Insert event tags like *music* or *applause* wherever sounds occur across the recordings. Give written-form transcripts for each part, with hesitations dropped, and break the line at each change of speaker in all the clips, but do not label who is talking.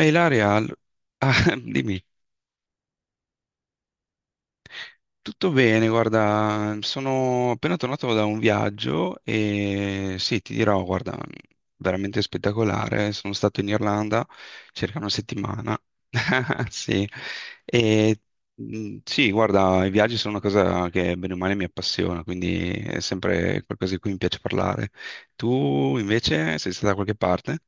Ehi Ilaria, ah, *laughs* dimmi, tutto bene, guarda, sono appena tornato da un viaggio e sì, ti dirò, guarda, veramente spettacolare, sono stato in Irlanda circa una settimana. *laughs* Sì, e sì, guarda, i viaggi sono una cosa che bene o male mi appassiona, quindi è sempre qualcosa di cui mi piace parlare. Tu invece sei stata da qualche parte?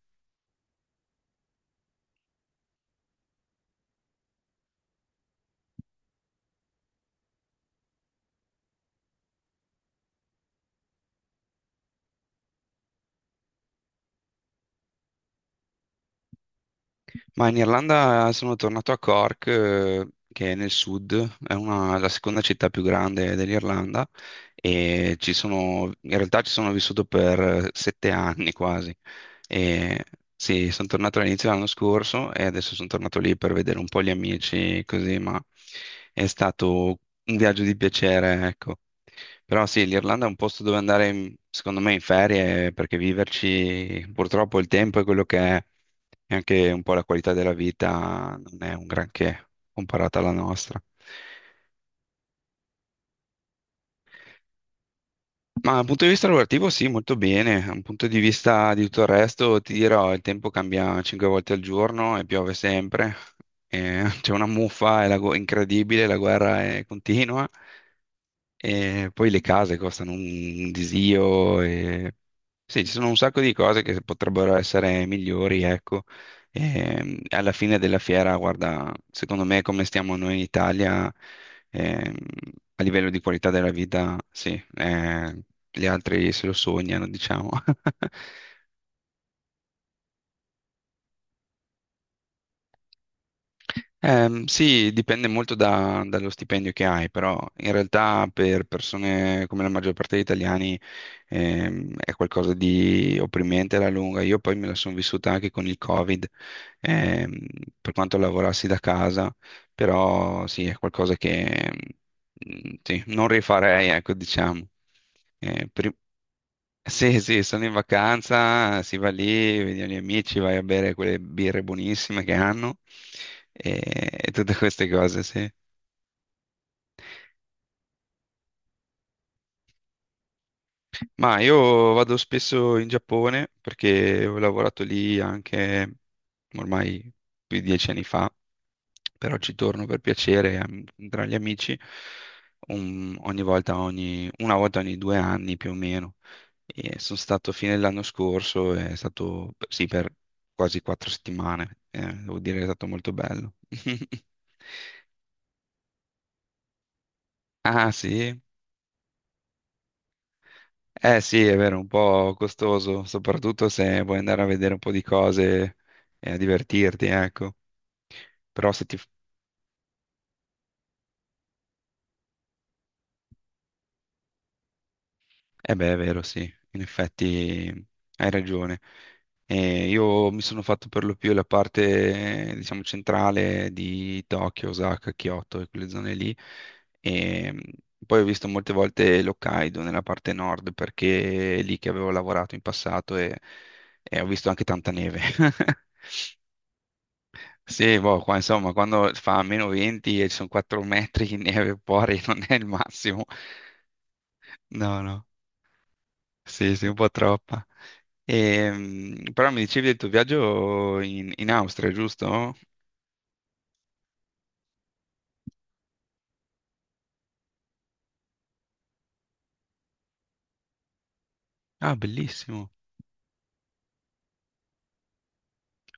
Ma in Irlanda sono tornato a Cork, che è nel sud, è la seconda città più grande dell'Irlanda e in realtà ci sono vissuto per 7 anni quasi. E, sì, sono tornato all'inizio dell'anno scorso e adesso sono tornato lì per vedere un po' gli amici, così, ma è stato un viaggio di piacere, ecco. Però sì, l'Irlanda è un posto dove andare, secondo me, in ferie, perché viverci purtroppo il tempo è quello che è, e anche un po' la qualità della vita non è un granché comparata alla nostra. Ma dal punto di vista lavorativo sì, molto bene. Dal punto di vista di tutto il resto, ti dirò, il tempo cambia 5 volte al giorno e piove sempre, e *laughs* c'è una muffa, è incredibile, la guerra è continua. E poi le case costano un disio. E sì, ci sono un sacco di cose che potrebbero essere migliori, ecco. E alla fine della fiera, guarda, secondo me come stiamo noi in Italia, ehm, a livello di qualità della vita, sì, eh, gli altri se lo sognano, diciamo. *laughs* Sì, dipende molto dallo stipendio che hai, però in realtà per persone come la maggior parte degli italiani è qualcosa di opprimente alla lunga. Io poi me la sono vissuta anche con il Covid, ehm, per quanto lavorassi da casa, però sì, è qualcosa che mm, sì, non rifarei, ecco, diciamo. Eh, per- sì, sì, sono in vacanza, si va lì, vedi gli amici, vai a bere quelle birre buonissime che hanno e, e tutte queste cose, sì. Ma io vado spesso in Giappone perché ho lavorato lì anche ormai più di 10 anni fa, però ci torno per piacere tra gli amici una volta ogni 2 anni più o meno. E sono stato fine dell'anno scorso, è stato sì, per quasi 4 settimane, devo dire che è stato molto bello. *laughs* Ah sì? Eh sì, è vero, un po' costoso, soprattutto se vuoi andare a vedere un po' di cose e a divertirti, ecco. Però se ti, Eh beh, è vero, sì, in effetti hai ragione. Io mi sono fatto per lo più la parte, diciamo, centrale di Tokyo, Osaka, Kyoto e quelle zone lì. E poi ho visto molte volte l'Hokkaido nella parte nord perché è lì che avevo lavorato in passato e ho visto anche tanta neve. *laughs* Sì, boh, qua insomma, quando fa meno 20 e ci sono 4 metri di neve fuori *laughs* non è il massimo. No, no, sì, sì, un po' troppa. Però mi dicevi del tuo viaggio in Austria, giusto? Ah, bellissimo,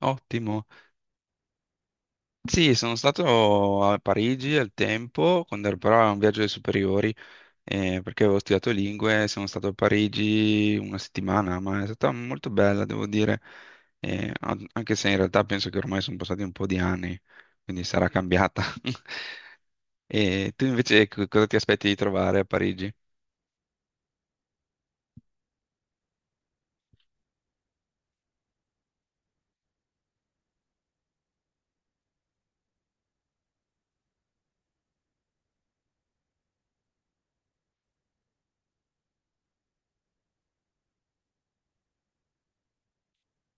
ottimo. Sì, sono stato a Parigi al tempo, quando ero però a un viaggio dei superiori, perché avevo studiato lingue, sono stato a Parigi una settimana, ma è stata molto bella, devo dire. Anche se in realtà penso che ormai sono passati un po' di anni, quindi sarà cambiata. *laughs* E tu invece cosa ti aspetti di trovare a Parigi?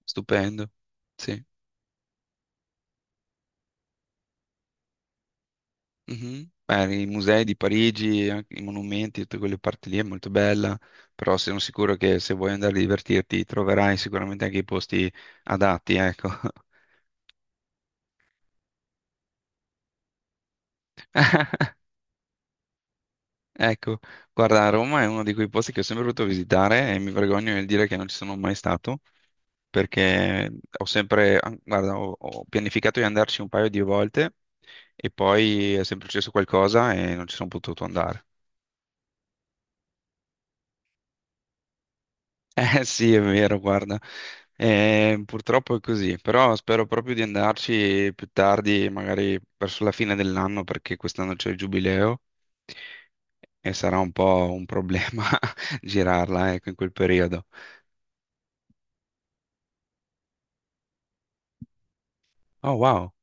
Stupendo, sì. Mhm. Beh, i musei di Parigi, anche i monumenti, tutte quelle parti lì è molto bella, però sono sicuro che se vuoi andare a divertirti troverai sicuramente anche i posti adatti, ecco. *laughs* Ecco, guarda, Roma è uno di quei posti che ho sempre voluto visitare e mi vergogno nel dire che non ci sono mai stato, perché ho sempre, guarda, ho pianificato di andarci un paio di volte e poi è sempre successo qualcosa e non ci sono potuto andare. Eh sì, è vero, guarda. Purtroppo è così, però spero proprio di andarci più tardi, magari verso la fine dell'anno, perché quest'anno c'è il giubileo e sarà un po' un problema *laughs* girarla, ecco, in quel periodo. Oh, wow.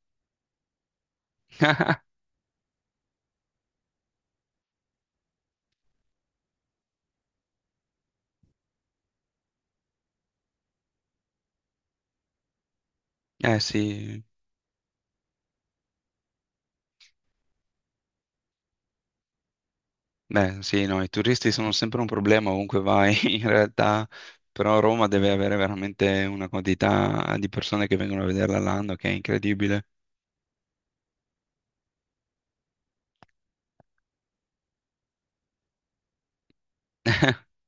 Eh sì, beh, sì, no, i turisti sono sempre un problema ovunque vai, *laughs* in realtà, però Roma deve avere veramente una quantità di persone che vengono a vederla l'anno che è incredibile. *laughs*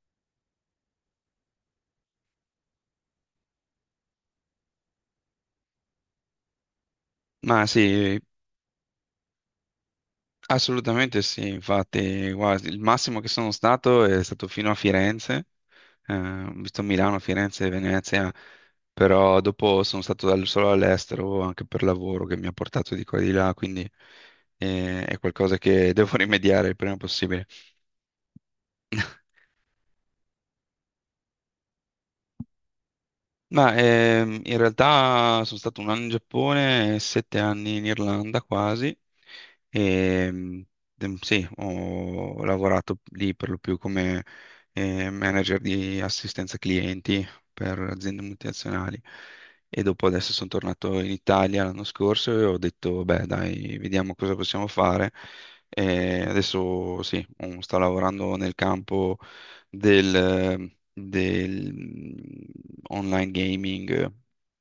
Ma sì, assolutamente sì, infatti, guarda, il massimo che sono stato è stato fino a Firenze, ho visto Milano, Firenze e Venezia, però dopo sono stato solo all'estero anche per lavoro che mi ha portato di qua e di là, quindi è qualcosa che devo *laughs* rimediare il prima possibile. Ma in realtà sono stato un anno in Giappone e 7 anni in Irlanda quasi. E, sì, ho lavorato lì per lo più come manager di assistenza clienti per aziende multinazionali. E dopo adesso sono tornato in Italia l'anno scorso e ho detto, beh, dai, vediamo cosa possiamo fare. E adesso sì, sto lavorando nel campo del online gaming,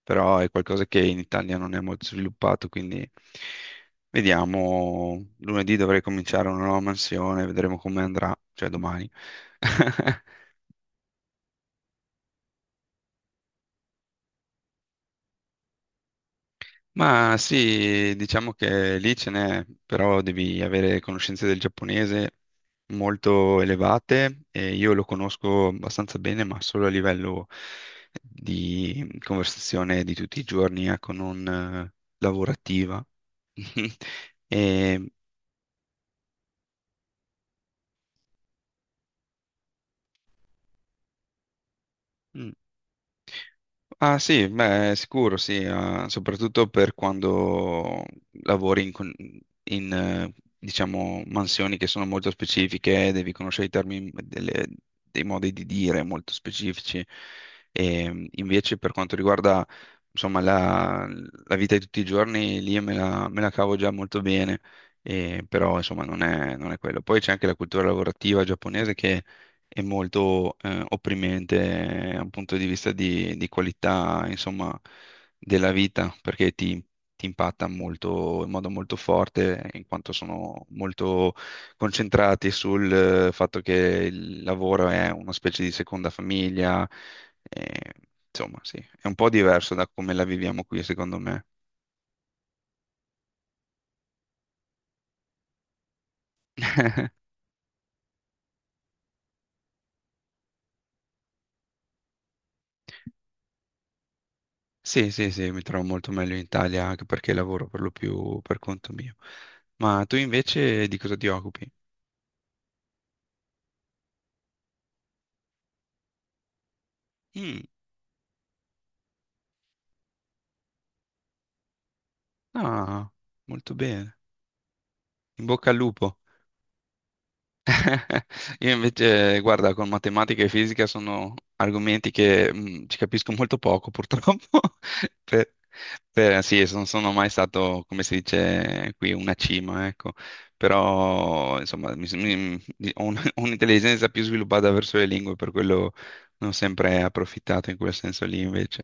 però è qualcosa che in Italia non è molto sviluppato, quindi vediamo. Lunedì dovrei cominciare una nuova mansione, vedremo come andrà, cioè domani. *laughs* Ma sì, diciamo che lì ce n'è, però devi avere conoscenze del giapponese molto elevate e io lo conosco abbastanza bene, ma solo a livello di conversazione di tutti i giorni, ecco, non lavorativa. *laughs* E, mm, ah sì, beh, sicuro sì, soprattutto per quando lavori in, diciamo, mansioni che sono molto specifiche, devi conoscere i termini, dei modi di dire molto specifici. Invece per quanto riguarda, insomma, la vita di tutti i giorni, lì me la cavo già molto bene, però insomma non è quello. Poi c'è anche la cultura lavorativa giapponese è molto opprimente da un punto di vista di qualità, insomma, della vita, perché ti impatta molto, in modo molto forte, in quanto sono molto concentrati sul fatto che il lavoro è una specie di seconda famiglia, eh, insomma, sì, è un po' diverso da come la viviamo qui, secondo me. Sì, sì, sì, mi trovo molto meglio in Italia anche perché lavoro per lo più per conto mio. Ma tu invece di cosa ti occupi? Mm. Ah, molto bene. In bocca al lupo. *laughs* Io invece, guarda, con matematica e fisica sono argomenti che ci capisco molto poco, purtroppo. *laughs* Per, sì, non sono mai stato, come si dice qui, una cima, ecco. Però, insomma, *laughs* ho un'intelligenza più sviluppata verso le lingue, per quello ne ho sempre approfittato in quel senso lì, invece.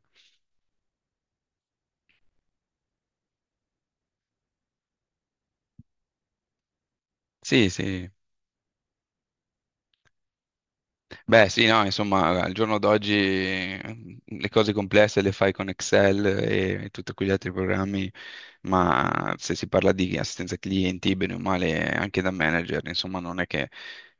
Sì, sì. Beh, sì, no, insomma, al giorno d'oggi le cose complesse le fai con Excel e tutti quegli altri programmi, ma se si parla di assistenza clienti, bene o male, anche da manager, insomma, non è che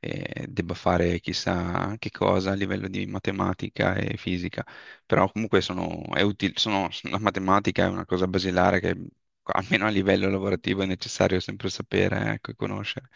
debba fare chissà che cosa a livello di matematica e fisica, però comunque è utile, la matematica è una cosa basilare che almeno a livello lavorativo è necessario sempre sapere, ecco, e conoscere.